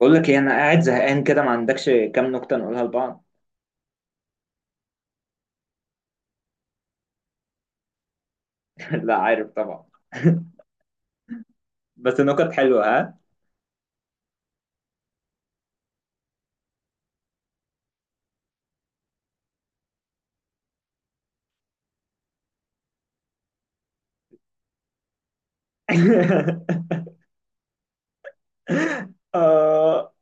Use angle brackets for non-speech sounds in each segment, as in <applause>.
بقول لك ايه، انا قاعد زهقان كده. ما عندكش كام نكته نقولها لبعض؟ <laughs> لا، عارف طبعا. <laughs> بس نكت حلوه، ها؟ <laughs> آه.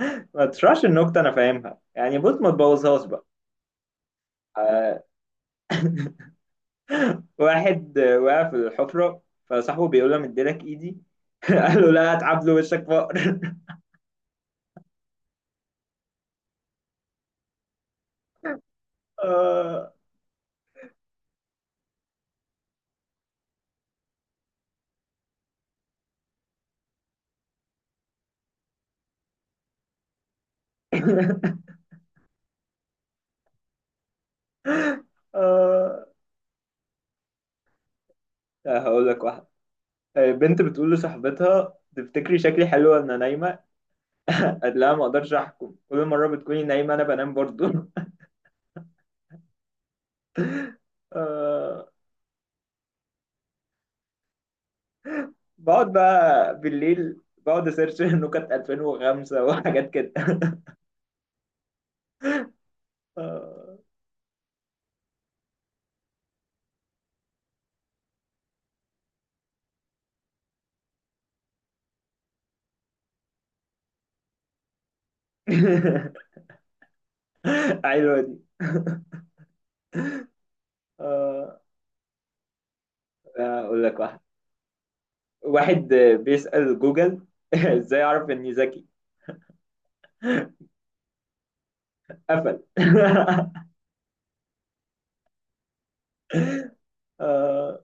<laughs> ما تشرحش النكته، انا فاهمها يعني. بص، ما تبوظهاش بقى. آه. <laughs> واحد وقع في الحفره، فصاحبه بيقول له: مديلك ايدي. <laughs> قال له: لا، هتعب له وشك فقر. <laughs> آه. آه. هقول لك واحد. بنت بتقول لصاحبتها: تفتكري شكلي حلو وانا نايمه؟ قال: لا، ما اقدرش احكم، كل مره بتكوني نايمه انا بنام برضو. <laughs> آه. بقعد بقى بالليل، بقعد اسيرش نكت 2005 وحاجات كده. <laughs> آه. <laughs> حلوه دي. آه. اقول لك واحد بيسأل جوجل: <laughs> ازاي اعرف اني ذكي؟ قفل. <laughs> آه.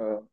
آه.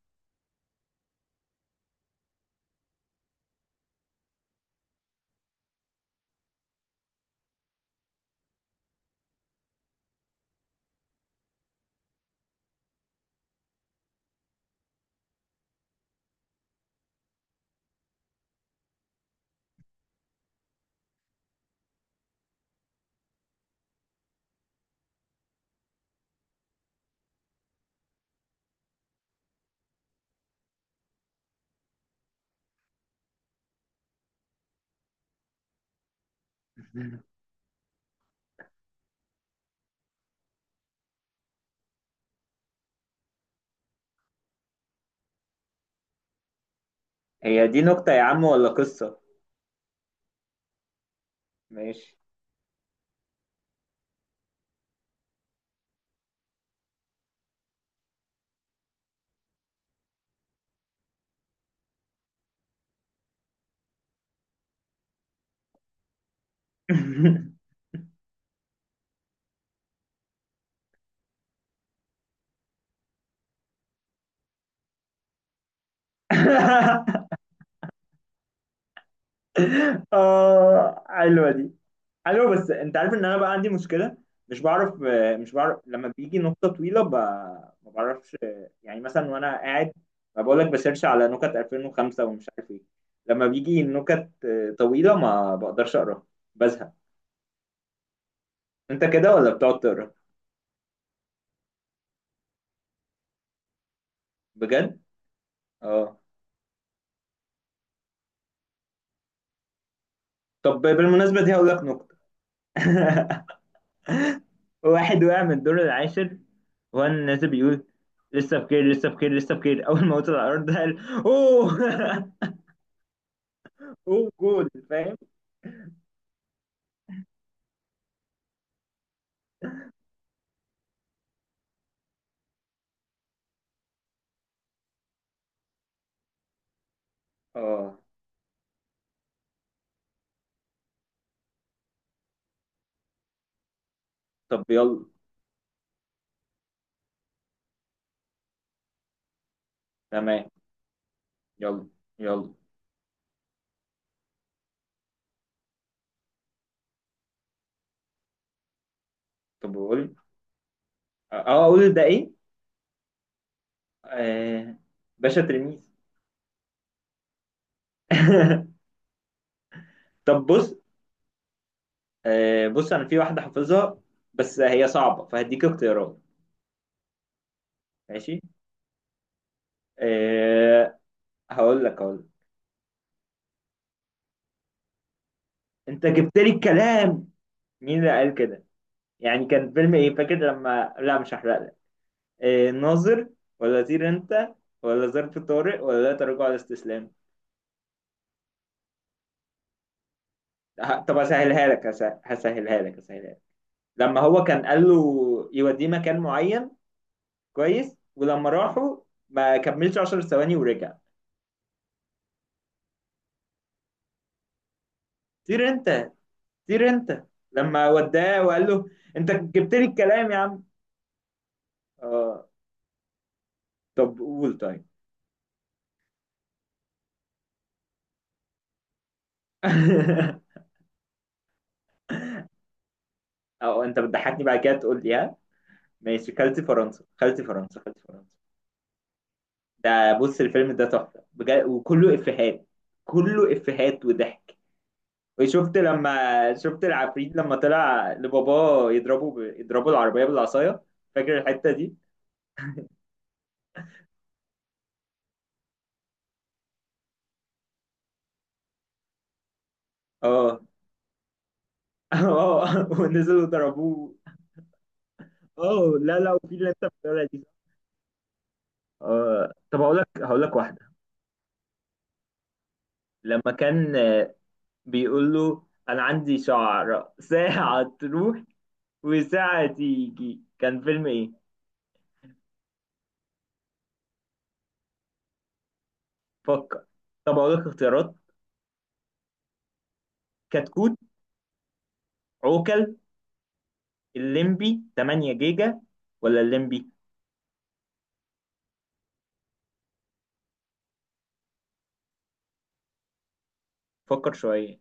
هي دي نكتة يا عم ولا قصة؟ ماشي. <laughs> اه، حلوة دي. حلو، بس انت عارف ان انا بقى عندي مشكله. مش بعرف. مش بعرف لما بيجي نقطه طويله ما بعرفش. يعني مثلا وانا قاعد، ما بقول لك بسيرش على نكت 2005 ومش عارف ايه. لما بيجي نكت طويله ما بقدرش اقراها. بزهق. انت كده، ولا بتقعد تقرا؟ بجد. اه. طب بالمناسبه دي هقول لك نكته. <laughs> واحد وقع من الدور العاشر وهو الناس بيقول: لسه بخير، لسه بخير، لسه بخير. اول ما وصل على الارض قال: اوه. <laughs> اوه، جول فاهم. اه. طب يلا. تمام. يلا، يلا. طب قول. اه، اقول ده ايه؟ آه. باشا تلميذ. <laughs> طب بص. آه، بص انا في واحده حافظها، بس هي صعبه فهديك اختيارات. ماشي. آه. هقول لك. انت جبت لي الكلام. مين اللي قال كده؟ يعني كان فيلم ايه؟ فاكر لما، لا مش هحرق لك. آه، ناظر؟ ولا طير انت؟ ولا ظرف طارق؟ ولا لا تراجع ولا استسلام؟ طب هسهلها لك، هسهلها لك، هسهلها لك. لما هو كان قال له يوديه مكان معين، كويس، ولما راحوا ما كملش 10 ثواني ورجع. طير انت، طير انت. لما وداه وقال له: انت جبت لي الكلام يا عم. اه. طب قول طيب. <laughs> او، انت بتضحكني بعد كده تقول لي: ها؟ ماشي. خالتي فرنسا، خالتي فرنسا، خالتي فرنسا. ده بص الفيلم ده تحفة بجد، وكله افيهات. كله افيهات وضحك. وشفت لما شفت العفريت لما طلع لباباه يضربه، يضربوا العربية بالعصاية. فاكر الحتة دي؟ اه. <laughs> اه، ونزلوا ضربوه. اه. لا لا، وفي اللي انت بتقولها دي. اه. طب هقول لك، واحدة. لما كان بيقول له: انا عندي شعر ساعة تروح وساعة تيجي. كان فيلم ايه؟ فكر. طب هقول لك اختيارات: كتكوت، عوكل، الليمبي 8 جيجا، ولا الليمبي؟ فكر شوية.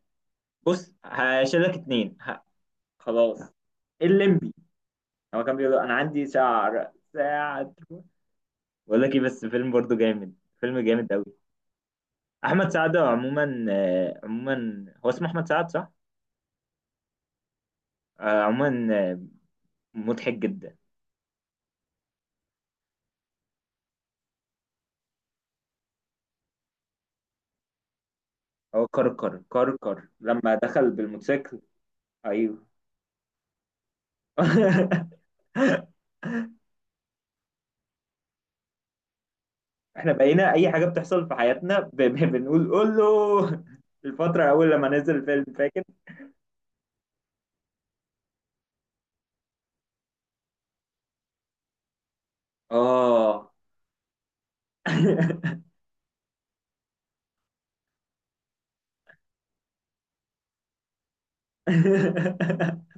بص هشيلك اتنين. خلاص. الليمبي. هو كان بيقول: انا عندي شعر ساعة. بقول لك ايه، بس فيلم برضو جامد. فيلم جامد قوي. احمد سعد عموما، هو اسمه احمد سعد صح؟ آه، عموما آه، مضحك جدا. هو كركر، كركر لما دخل بالموتوسيكل. ايوه. <laughs> احنا بقينا اي حاجه بتحصل في حياتنا بنقول: قول له. الفتره اول لما نزل الفيلم فاكر. اه. <laughs>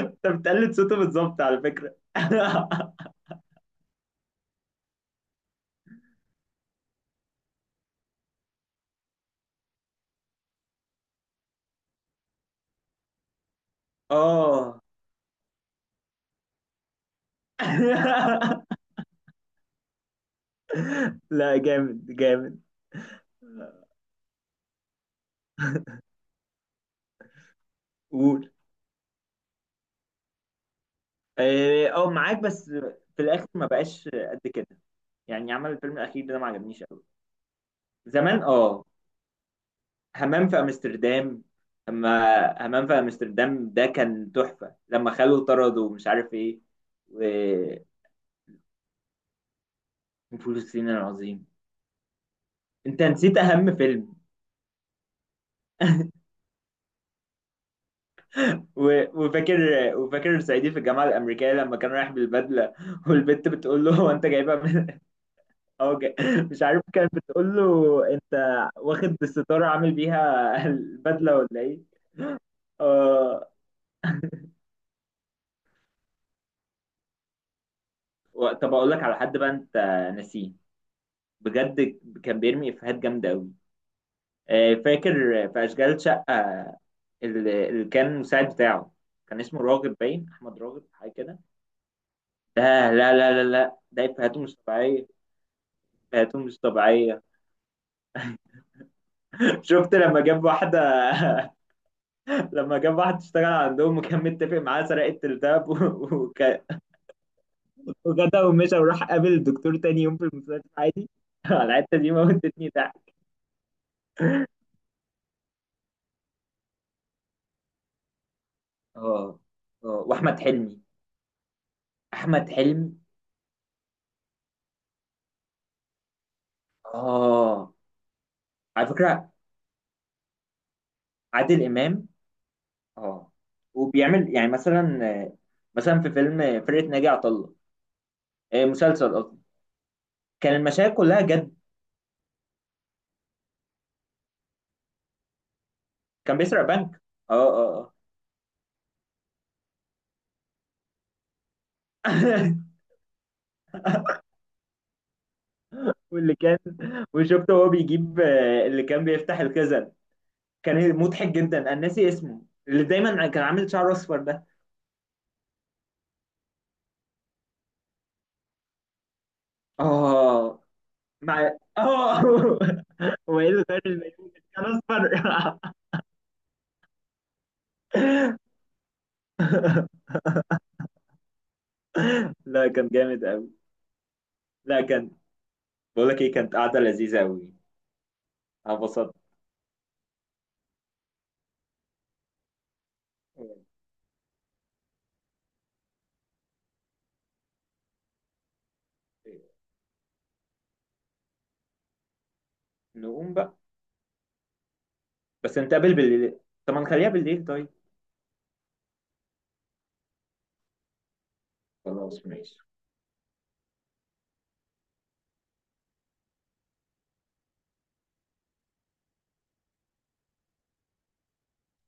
انت بتقلد صوته بالظبط على فكرة. <laughs> اه. <laughs> لا، جامد جامد. قول. اه، معاك بس. في الاخر ما بقاش قد كده. يعني عمل الفيلم الاخير ده ما عجبنيش قوي. زمان اه. همام في امستردام. اما همام في امستردام ده كان تحفة لما خلوه طرد ومش عارف ايه. و- وفول الصين العظيم. انت نسيت اهم فيلم. وفاكر، وفاكر صعيدي في الجامعه الامريكيه لما كان رايح بالبدله. <laughs> والبت بتقول له: هو انت جايبها من؟ او. <laughs> مش عارف، كانت بتقول له: انت واخد الستاره عامل بيها البدله ولا ايه؟ آه. طب اقول لك على حد بقى انت ناسيه. بجد كان بيرمي افيهات جامده قوي. آه، فاكر في اشغال شقه، اللي كان مساعد بتاعه، كان اسمه راغب، باين احمد راغب حاجه كده. ده، لا لا لا لا، ده افيهاته مش طبيعيه. افيهاته مش طبيعيه. شفت لما جاب واحدة؟ <laughs> لما جاب واحد اشتغل عندهم وكان متفق معاه سرقة الدهب، وجدع ومشى، وراح قابل الدكتور تاني يوم في المستشفى عادي. <laughs> على الحتة دي موتتني ضحك. اه اه. واحمد حلمي. احمد حلمي. اه، على فكرة عادل امام. اه، وبيعمل يعني مثلا، في فيلم فرقة ناجي عطا الله، مسلسل قصدي، كان المشاهد كلها جد. كان بيسرق بنك. اه اه اه. <laughs> واللي كان <laughs> وشفته وهو بيجيب اللي كان بيفتح الخزن، كان مضحك جدا انا ناسي اسمه. اللي دايما كان عامل شعر اصفر ده. اه. مع. اه. <laughs> هو ايه اللي غير المليون كان اصفر؟ <laughs> لا كان جامد قوي. لا كان. بقول لك ايه، كانت قعده لذيذه قوي. انا انبسطت. نقوم بقى. بس نتقابل بالليل. طب ما نخليها بالليل طيب. خلاص، ماشي.